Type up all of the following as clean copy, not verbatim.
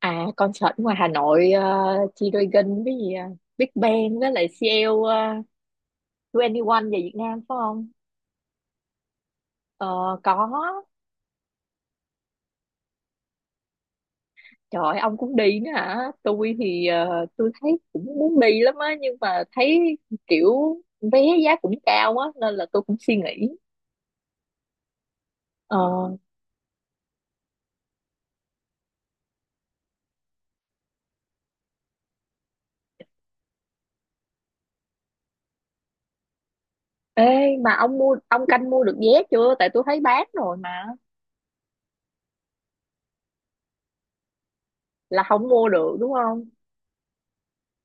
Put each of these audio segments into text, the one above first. À concert ngoài Hà Nội G-Dragon với gì à? Big Bang với lại CL 21 về Việt Nam phải không? Ờ có. Trời ơi, ông cũng đi nữa hả? Tôi thì tôi thấy cũng muốn đi lắm á nhưng mà thấy kiểu vé giá cũng cao á nên là tôi cũng suy nghĩ. Ờ, ê mà ông mua, ông canh mua được vé chưa? Tại tôi thấy bán rồi mà, là không mua được đúng không?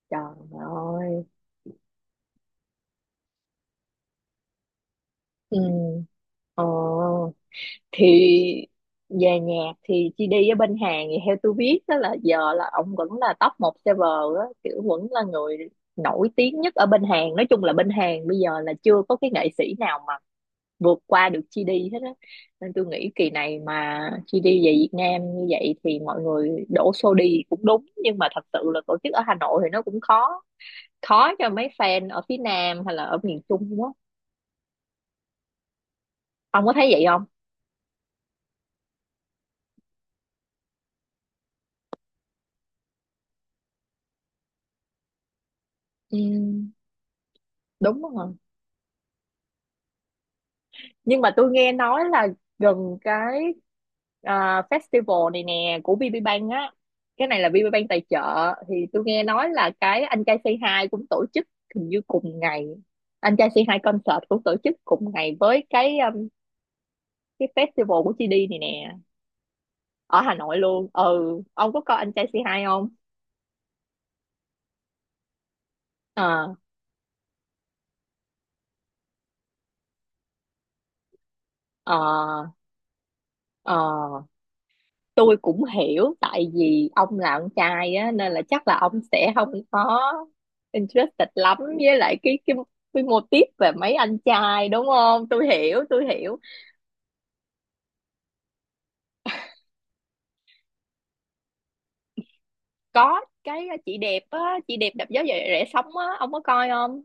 Trời ơi. Ừ. Ờ thì về nhạc thì chị đi ở bên Hàn thì theo tôi biết đó là giờ là ông vẫn là top một server á, kiểu vẫn là người nổi tiếng nhất ở bên Hàn. Nói chung là bên Hàn bây giờ là chưa có cái nghệ sĩ nào mà vượt qua được GD hết á, nên tôi nghĩ kỳ này mà GD về Việt Nam như vậy thì mọi người đổ xô đi cũng đúng. Nhưng mà thật sự là tổ chức ở Hà Nội thì nó cũng khó, khó cho mấy fan ở phía Nam hay là ở miền Trung quá. Ông có thấy vậy không? Ừ, đúng không? Nhưng mà tôi nghe nói là gần cái, à, festival này nè của VPBank á, cái này là VPBank tài trợ, thì tôi nghe nói là cái anh trai Say Hi cũng tổ chức hình như cùng ngày. Anh trai Say Hi concert cũng tổ chức cùng ngày với cái festival của GD này nè, ở Hà Nội luôn. Ừ, ông có coi anh trai Say Hi không? Ờ, ờ, ờ, tôi cũng hiểu tại vì ông là con trai á nên là chắc là ông sẽ không có interested lắm với lại cái cái mô típ về mấy anh trai đúng không. Tôi hiểu, tôi hiểu. Có cái, à, chị đẹp á, chị đẹp đạp gió rẻ rẻ sóng á, ông có coi không?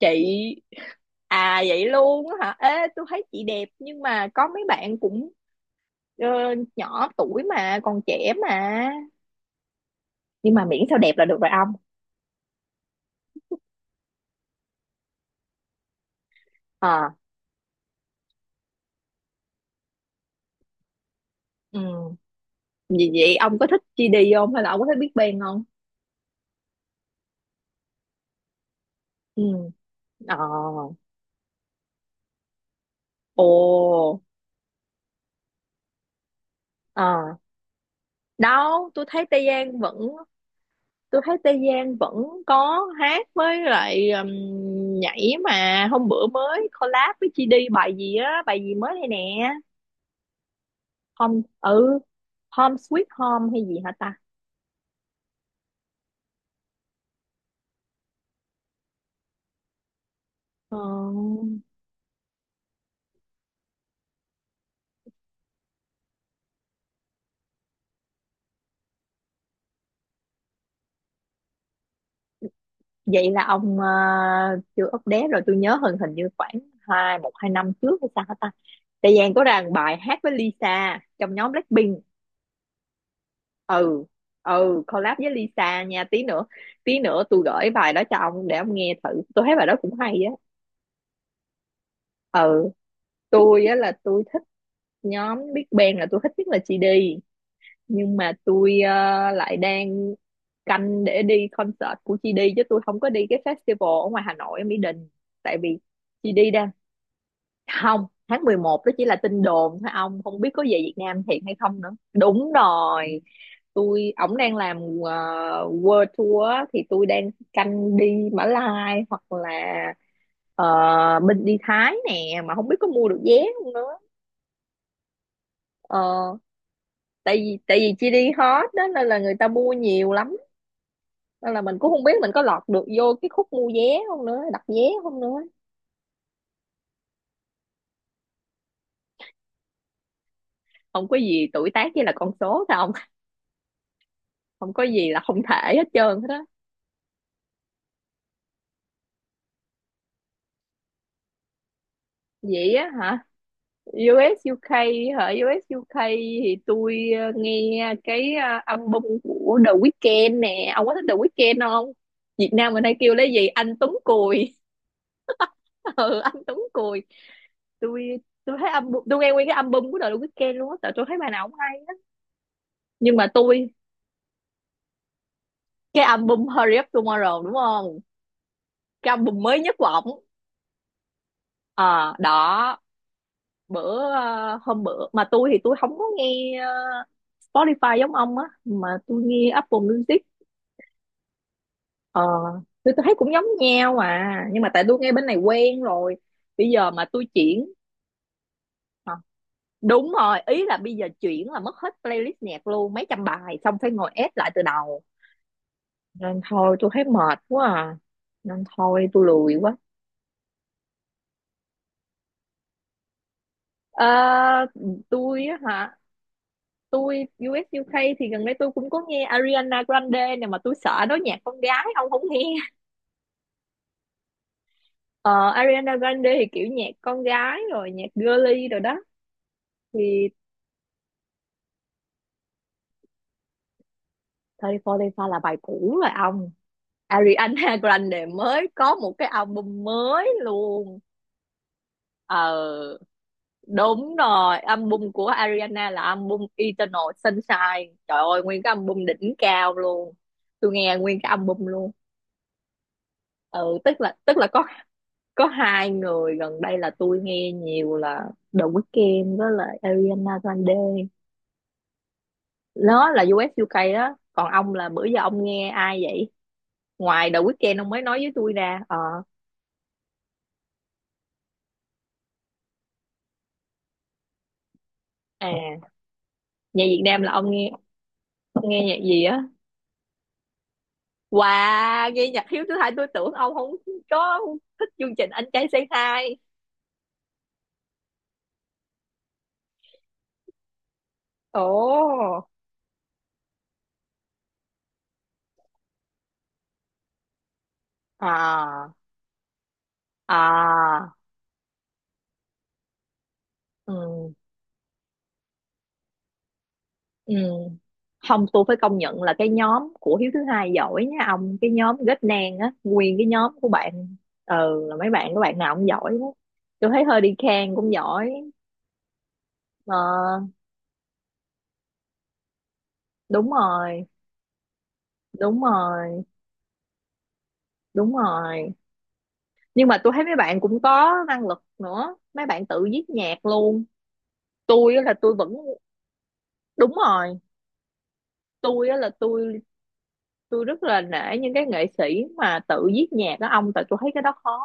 Chị à? Vậy luôn á hả? Ê tôi thấy chị đẹp nhưng mà có mấy bạn cũng, ờ, nhỏ tuổi mà còn trẻ mà, nhưng mà miễn sao đẹp là được rồi ông. Ờ. Ừ vậy, vậy ông có thích gi đi không hay là ông có thích Big Bang không? Ừ. Ờ. Ồ. Ờ. Đâu, tôi thấy Tây Giang vẫn, tôi thấy Tây Giang vẫn có hát với lại, nhảy mà hôm bữa mới collab với chị đi bài gì á, bài gì mới đây nè. Home, Home Sweet Home hay gì hả ta? Ờ, vậy là ông, chưa update rồi. Tôi nhớ hình, hình như khoảng hai, một hai năm trước hay sao hả ta? Tây Giang có ra một bài hát với Lisa trong nhóm Blackpink. Ừ, ừ, collab với Lisa nha. Tí nữa, tôi gửi bài đó cho ông để ông nghe thử. Tôi thấy bài đó cũng hay á. Ừ, tôi á là tôi thích nhóm Big Bang, là tôi thích nhất là GD, nhưng mà tôi, lại đang canh để đi concert của GD chứ tôi không có đi cái festival ở ngoài Hà Nội ở Mỹ Đình, tại vì GD đang, không, tháng 11 đó chỉ là tin đồn thôi, ông không biết có về Việt Nam thiệt hay không nữa. Đúng rồi, tôi ổng đang làm, ờ, world tour á, thì tôi đang canh đi Mã Lai hoặc là, ờ, bên đi Thái nè, mà không biết có mua được vé không nữa. Ờ, tại vì chi đi hot đó nên là người ta mua nhiều lắm, nên là mình cũng không biết mình có lọt được vô cái khúc mua vé không nữa, đặt vé không nữa. Không có gì tuổi tác với là con số sao không, không có gì là không thể hết trơn hết á. Vậy á hả? U.S. u UK hả? U.S. u UK thì tôi, nghe cái, album của The Weeknd nè. Ông có thích The Weeknd không? Việt Nam mình hay kêu lấy gì anh Tuấn Cùi. Ừ anh Tuấn Cùi, tôi tôi thấy album, tôi nghe nguyên cái album của The Weeknd luôn á, tại tôi thấy bài nào cũng hay. Nhưng mà tôi, cái album Hurry Up Tomorrow đúng không, cái album mới nhất của ổng. Ờ đó. Bữa, hôm bữa mà tôi, thì tôi không có nghe, Spotify giống ông á, mà tôi nghe Apple Music. Ờ, tôi thấy cũng giống nhau mà, nhưng mà tại tôi ngay bên này quen rồi, bây giờ mà tôi chuyển. Ờ, đúng rồi, ý là bây giờ chuyển là mất hết playlist nhạc luôn, mấy trăm bài xong phải ngồi ép lại từ đầu. Nên thôi tôi thấy mệt quá à, nên thôi tôi lười quá. Ờ, tôi á hả? Tôi US UK thì gần đây tôi cũng có nghe Ariana Grande nè, mà tôi sợ đó nhạc con gái, ông không nghe. Ờ, Ariana Grande thì kiểu nhạc con gái rồi, nhạc girly rồi đó thì. 34 Lipa là bài cũ rồi ông, Ariana Grande mới có một cái album mới luôn. Ờ đúng rồi, album của Ariana là album Eternal Sunshine, trời ơi nguyên cái album đỉnh cao luôn. Tôi nghe nguyên cái album luôn. Ừ, tức là có hai người gần đây là tôi nghe nhiều là The Weeknd với lại Ariana Grande, nó là US UK đó. Còn ông là bữa giờ ông nghe ai vậy, ngoài The Weeknd ông mới nói với tôi ra, ờ. À, nhạc Việt Nam là ông nghe, ông nghe nhạc gì á? Wow, nghe nhạc Hiếu thứ hai, tôi tưởng ông không có thích chương trình Anh Trai Say Hi. Ồ, à, à, ừ, ừ. Không, tôi phải công nhận là cái nhóm của Hiếu thứ hai giỏi nha ông, cái nhóm Ghét Nang á, nguyên cái nhóm của bạn, ừ, là mấy bạn, các bạn nào cũng giỏi hết. Tôi thấy Hurricane cũng giỏi, ờ, đúng rồi, đúng rồi, đúng rồi. Nhưng mà tôi thấy mấy bạn cũng có năng lực nữa, mấy bạn tự viết nhạc luôn. Tôi á là tôi vẫn, đúng rồi, tôi á là tôi rất là nể những cái nghệ sĩ mà tự viết nhạc đó ông, tại tôi thấy cái đó khó.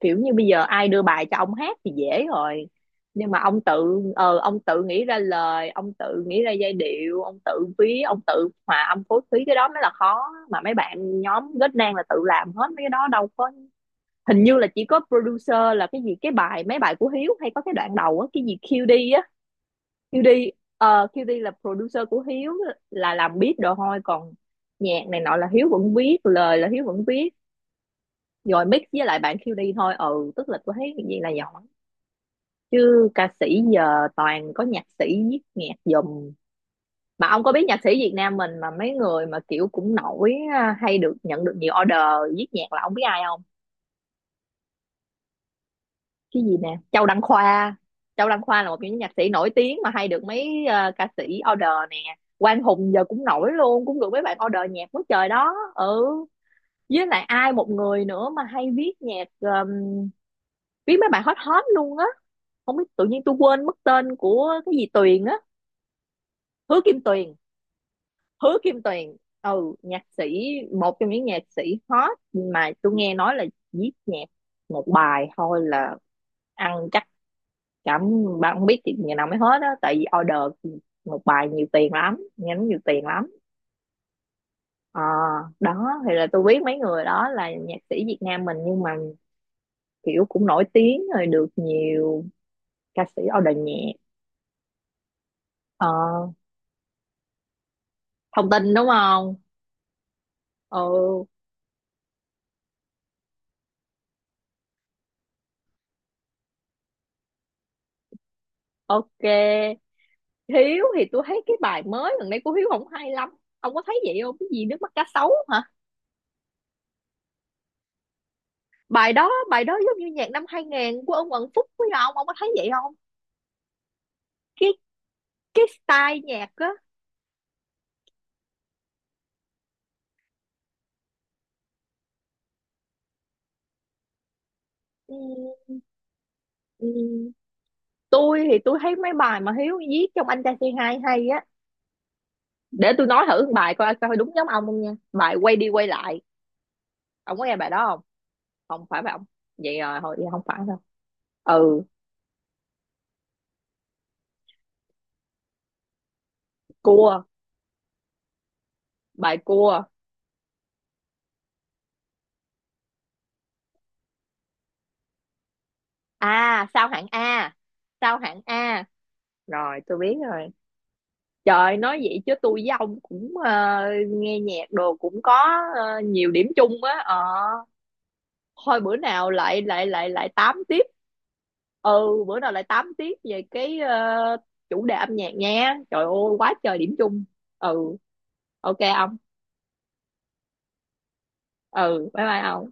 Kiểu như bây giờ ai đưa bài cho ông hát thì dễ rồi, nhưng mà ông tự, ông tự nghĩ ra lời, ông tự nghĩ ra giai điệu, ông tự viết, ông tự hòa âm phối khí, cái đó mới là khó. Mà mấy bạn nhóm Ghét Nang là tự làm hết mấy cái đó, đâu có, hình như là chỉ có producer là cái gì. Cái bài, mấy bài của Hiếu hay có cái đoạn đầu á cái gì QD á, QD, ờ QD là producer của Hiếu, là làm beat đồ thôi, còn nhạc này nọ là Hiếu vẫn viết lời, là Hiếu vẫn viết, rồi mix với lại bạn QD thôi. Ừ tức là tôi thấy cái gì là giỏi, chứ ca sĩ giờ toàn có nhạc sĩ viết nhạc giùm. Mà ông có biết nhạc sĩ Việt Nam mình mà mấy người mà kiểu cũng nổi á, hay được nhận được nhiều order viết nhạc, là ông biết ai không? Cái gì nè, Châu Đăng Khoa. Châu Đăng Khoa là một trong những nhạc sĩ nổi tiếng mà hay được mấy, ca sĩ order nè. Quang Hùng giờ cũng nổi luôn, cũng được mấy bạn order nhạc quá trời đó. Ừ, với lại ai, một người nữa mà hay viết nhạc, viết mấy bài hot hot luôn á, không biết tự nhiên tôi quên mất tên, của cái gì Tuyền á, Hứa Kim Tuyền. Hứa Kim Tuyền, ừ nhạc sĩ, một trong những nhạc sĩ hot mà tôi nghe nói là viết nhạc một bài thôi là ăn chậm, bà không biết chị gì nào mới hết á, tại vì order một bài nhiều tiền lắm, nhánh nhiều tiền lắm. Ờ đó, thì là tôi biết mấy người đó là nhạc sĩ Việt Nam mình nhưng mà kiểu cũng nổi tiếng rồi, được nhiều ca sĩ order nhạc. Ờ, thông tin đúng không. Ừ, ok. Hiếu thì tôi thấy cái bài mới gần đây của Hiếu không hay lắm, ông có thấy vậy không, cái gì nước mắt cá sấu hả? Bài đó giống như nhạc năm 2000 của ông Quận Phúc, với ông có thấy vậy không, cái, cái style nhạc á. Ừ, ừ. Tôi thì tôi thấy mấy bài mà Hiếu viết trong Anh Trai Say Hi hay á. Để tôi nói thử một bài coi coi đúng giống ông không nha, bài quay đi quay lại, ông có nghe bài đó không? Không phải bài ông, vậy rồi thôi không phải đâu. Ừ, cua, bài cua, à sao hạng A, sao hạng A, rồi tôi biết rồi. Trời, nói vậy chứ tôi với ông cũng, nghe nhạc đồ cũng có, ờ, nhiều điểm chung á. Ờ thôi, bữa nào lại lại lại lại tám tiếp. Ừ, bữa nào lại tám tiếp về cái, chủ đề âm nhạc nha, trời ơi quá trời điểm chung. Ừ ok ông. Ừ bye bye ông.